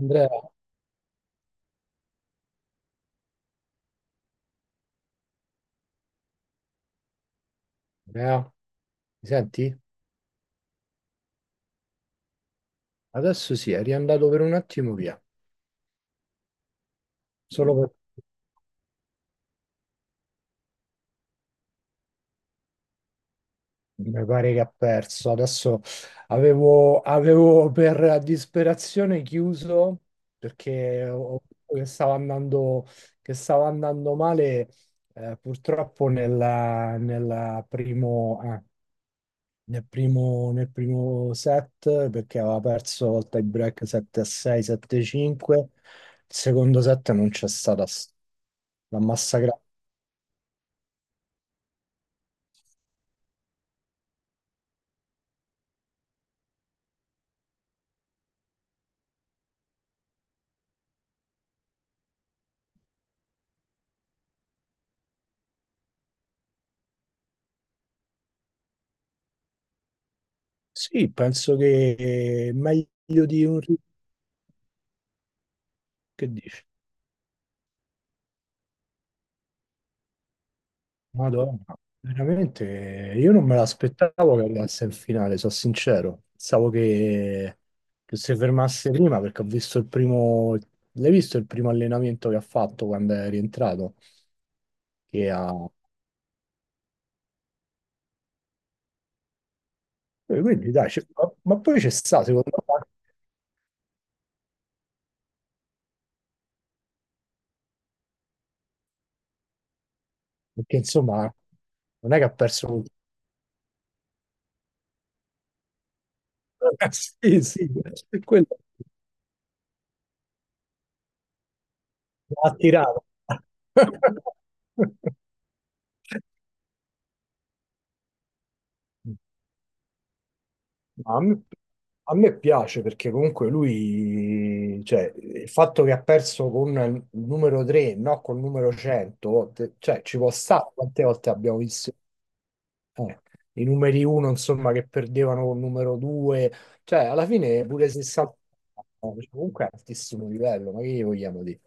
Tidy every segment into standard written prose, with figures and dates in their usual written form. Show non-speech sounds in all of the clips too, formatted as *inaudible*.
Andrea, Andrea, mi senti? Adesso sì, è riandato per un attimo via, solo per. Mi pare che ha perso. Adesso avevo per disperazione chiuso perché che stava andando male, purtroppo nel primo... ah, nel primo set perché aveva perso il tie break 7-6, 7-5. Il secondo set non c'è stata la massacrata. Sì, penso che è meglio di un che dici. Madonna, veramente io non me l'aspettavo che arrivasse in finale, sono sincero. Pensavo che si fermasse prima perché ho visto il primo. L'hai visto il primo allenamento che ha fatto quando è rientrato? Che ha Quindi dai, ma poi c'è sta, secondo me, perché insomma non è che ha perso molto. *laughs* Sì, sì, quello ha tirato. *laughs* Ma a me piace perché comunque lui, cioè, il fatto che ha perso con il numero 3, no, col numero 100, cioè, ci può stare quante volte abbiamo visto. eh, i numeri uno, insomma, che perdevano con il numero due, cioè alla fine pure se saltavano, cioè, comunque è altissimo livello, ma che gli vogliamo dire?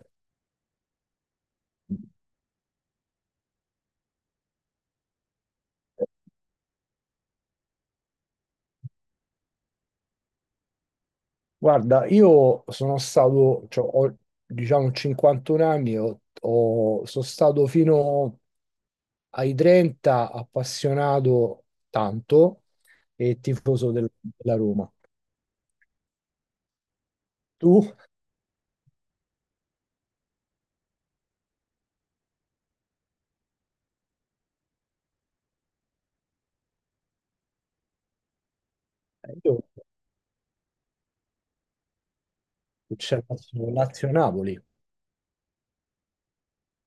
Guarda, io sono stato, cioè, ho, diciamo, 51 anni, sono stato fino ai 30 appassionato tanto e tifoso della Roma. Tu? Io c'è Lazio-Napoli.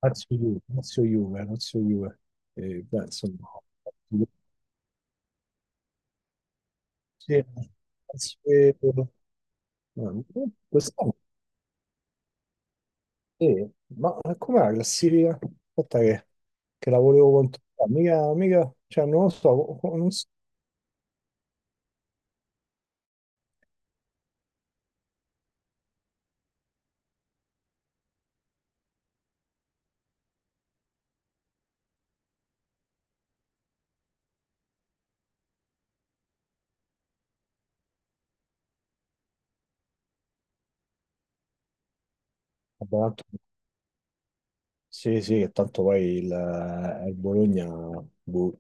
Lazio Juve, Lazio Juve, Lazio Juve. Beh, insomma, sì, Lazio- no, quest'anno sì. Ma com'è la classifica? Aspetta che la volevo controllare. Mica, mica, cioè non lo so, non so. Vabbè. Sì, sì, che tanto poi il Bologna, boh,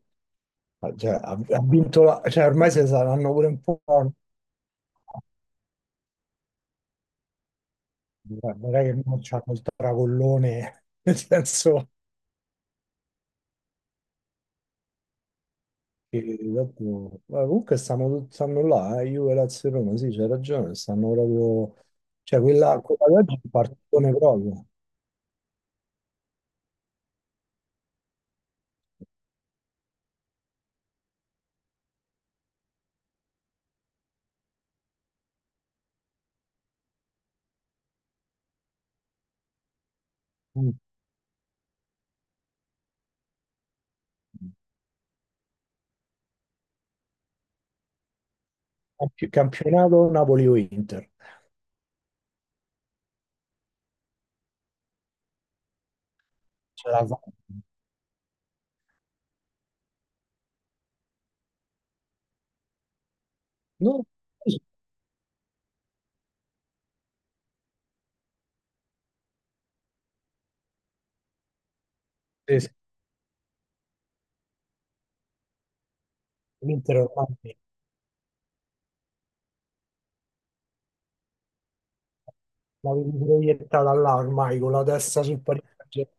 cioè, ha vinto la, cioè ormai se saranno pure un po'. Guarda, non è che non c'hanno il tracollone, *laughs* nel senso. Ma comunque stanno là, Juve, Lazio e Roma, sì, c'hai ragione, stanno proprio. Cioè, quella di oggi è un partitone proprio. Mm. Campionato Napoli o Inter. Ce la fa. No, sì, sì, sì, l'Inter ormai l'avevi proiettata là ormai con la testa sul Paris Saint-Germain.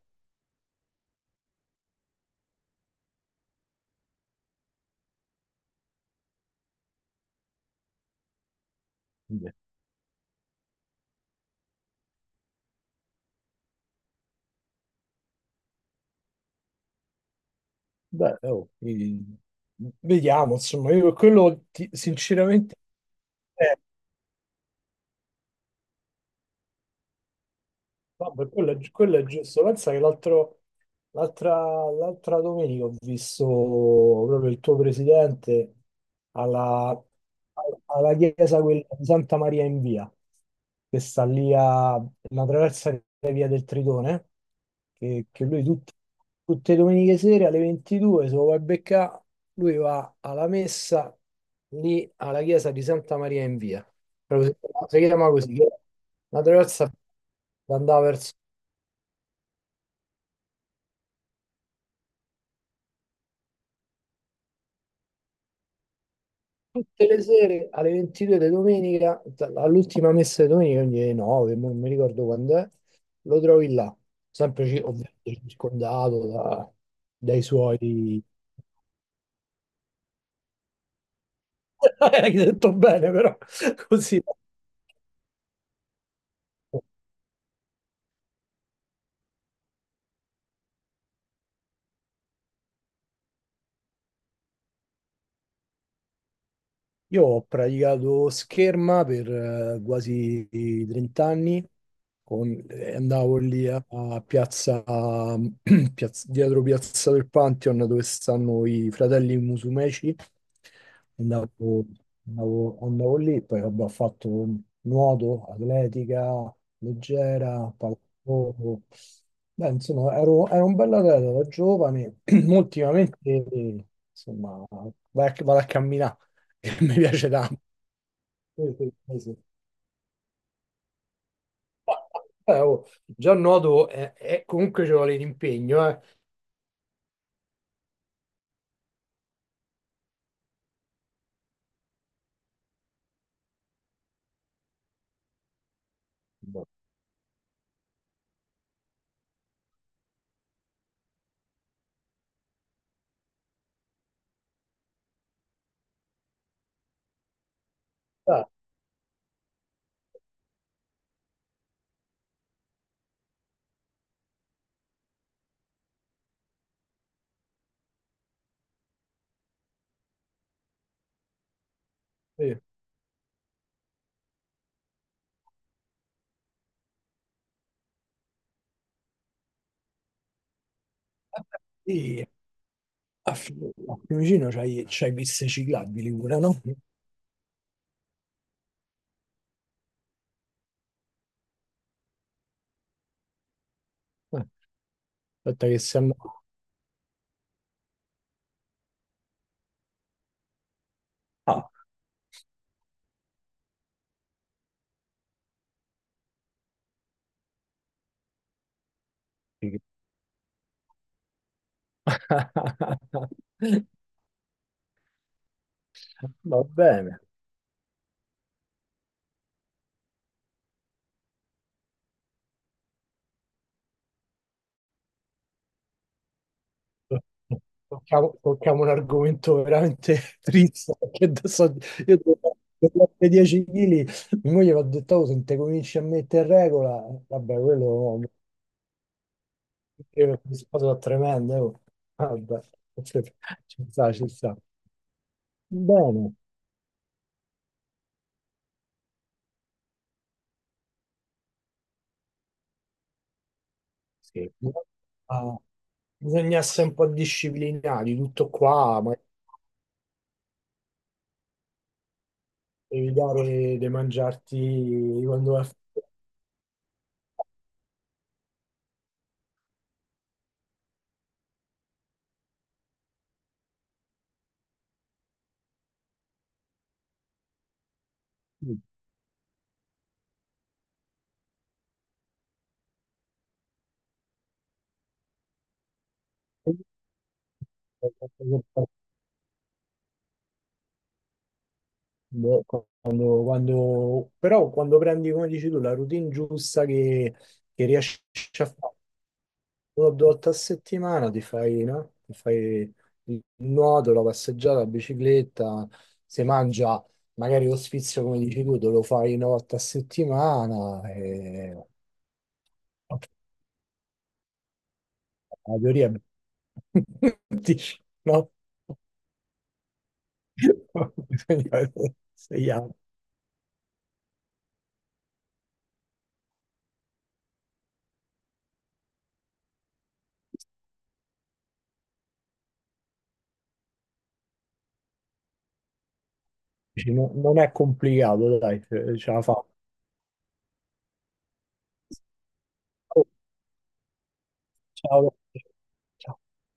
Beh, oh, vediamo, insomma, io per quello sinceramente. eh, Vabbè, quello è giusto. Pensa che l'altra l'altra domenica ho visto proprio il tuo presidente alla, alla chiesa quella di Santa Maria in Via, che sta lì a una traversa di via del Tritone, che lui tutte le domeniche sere alle 22, se lo vuoi beccare, lui va alla messa lì alla chiesa di Santa Maria in Via, proprio si chiama così, che è una terrazza che andava verso tutte le sere alle 22 di domenica, all'ultima messa di domenica, quindi alle 9, mo non mi ricordo quando è, lo trovi là, sempre ovviamente circondato dai suoi. *laughs* Hai detto bene però, *laughs* così. Io ho praticato scherma per quasi 30 anni, andavo lì a, a piazza, *clears throat* dietro Piazza del Pantheon dove stanno i fratelli Musumeci, andavo, andavo lì, poi vabbè, ho fatto nuoto, atletica, leggera, pallavolo. Beh, insomma ero un bell'atleta da giovane, *clears throat* ultimamente insomma vado a camminare e *laughs* mi piace tanto. Sì, sì, sì, sì. *laughs* Oh, già nuoto comunque ci vuole l'impegno, eh. Ah, sì. Sì, a, Fi- a Fiumicino c'hai piste ciclabili pure, no? Aspetta che siamo. Ah, sì. *laughs* Va bene. Tocchiamo un argomento veramente *laughs* triste, perché adesso io devo perdere 10 kg, mia moglie mi ha detto, "Oh, se non te cominci a mettere in regola, vabbè, quello no, che cosa tremenda, oh." Guarda, *laughs* ci sta, ci sta. Bene, sì. Ah, bisogna essere un po' disciplinati, tutto qua, ma devi dare di mangiarti quando vai a fare, però quando prendi, come dici tu, la routine giusta che riesci a fare, una o due volte a settimana ti fai, no? Ti fai il nuoto, la passeggiata, la bicicletta, se mangia magari lo sfizio come dici tu, te lo fai una volta a settimana e ok, la teoria è- *laughs* dici, no? *laughs* Bisogna vedere se gli altri. Dici, non è complicato, dai, ce la fa. Oh, ciao.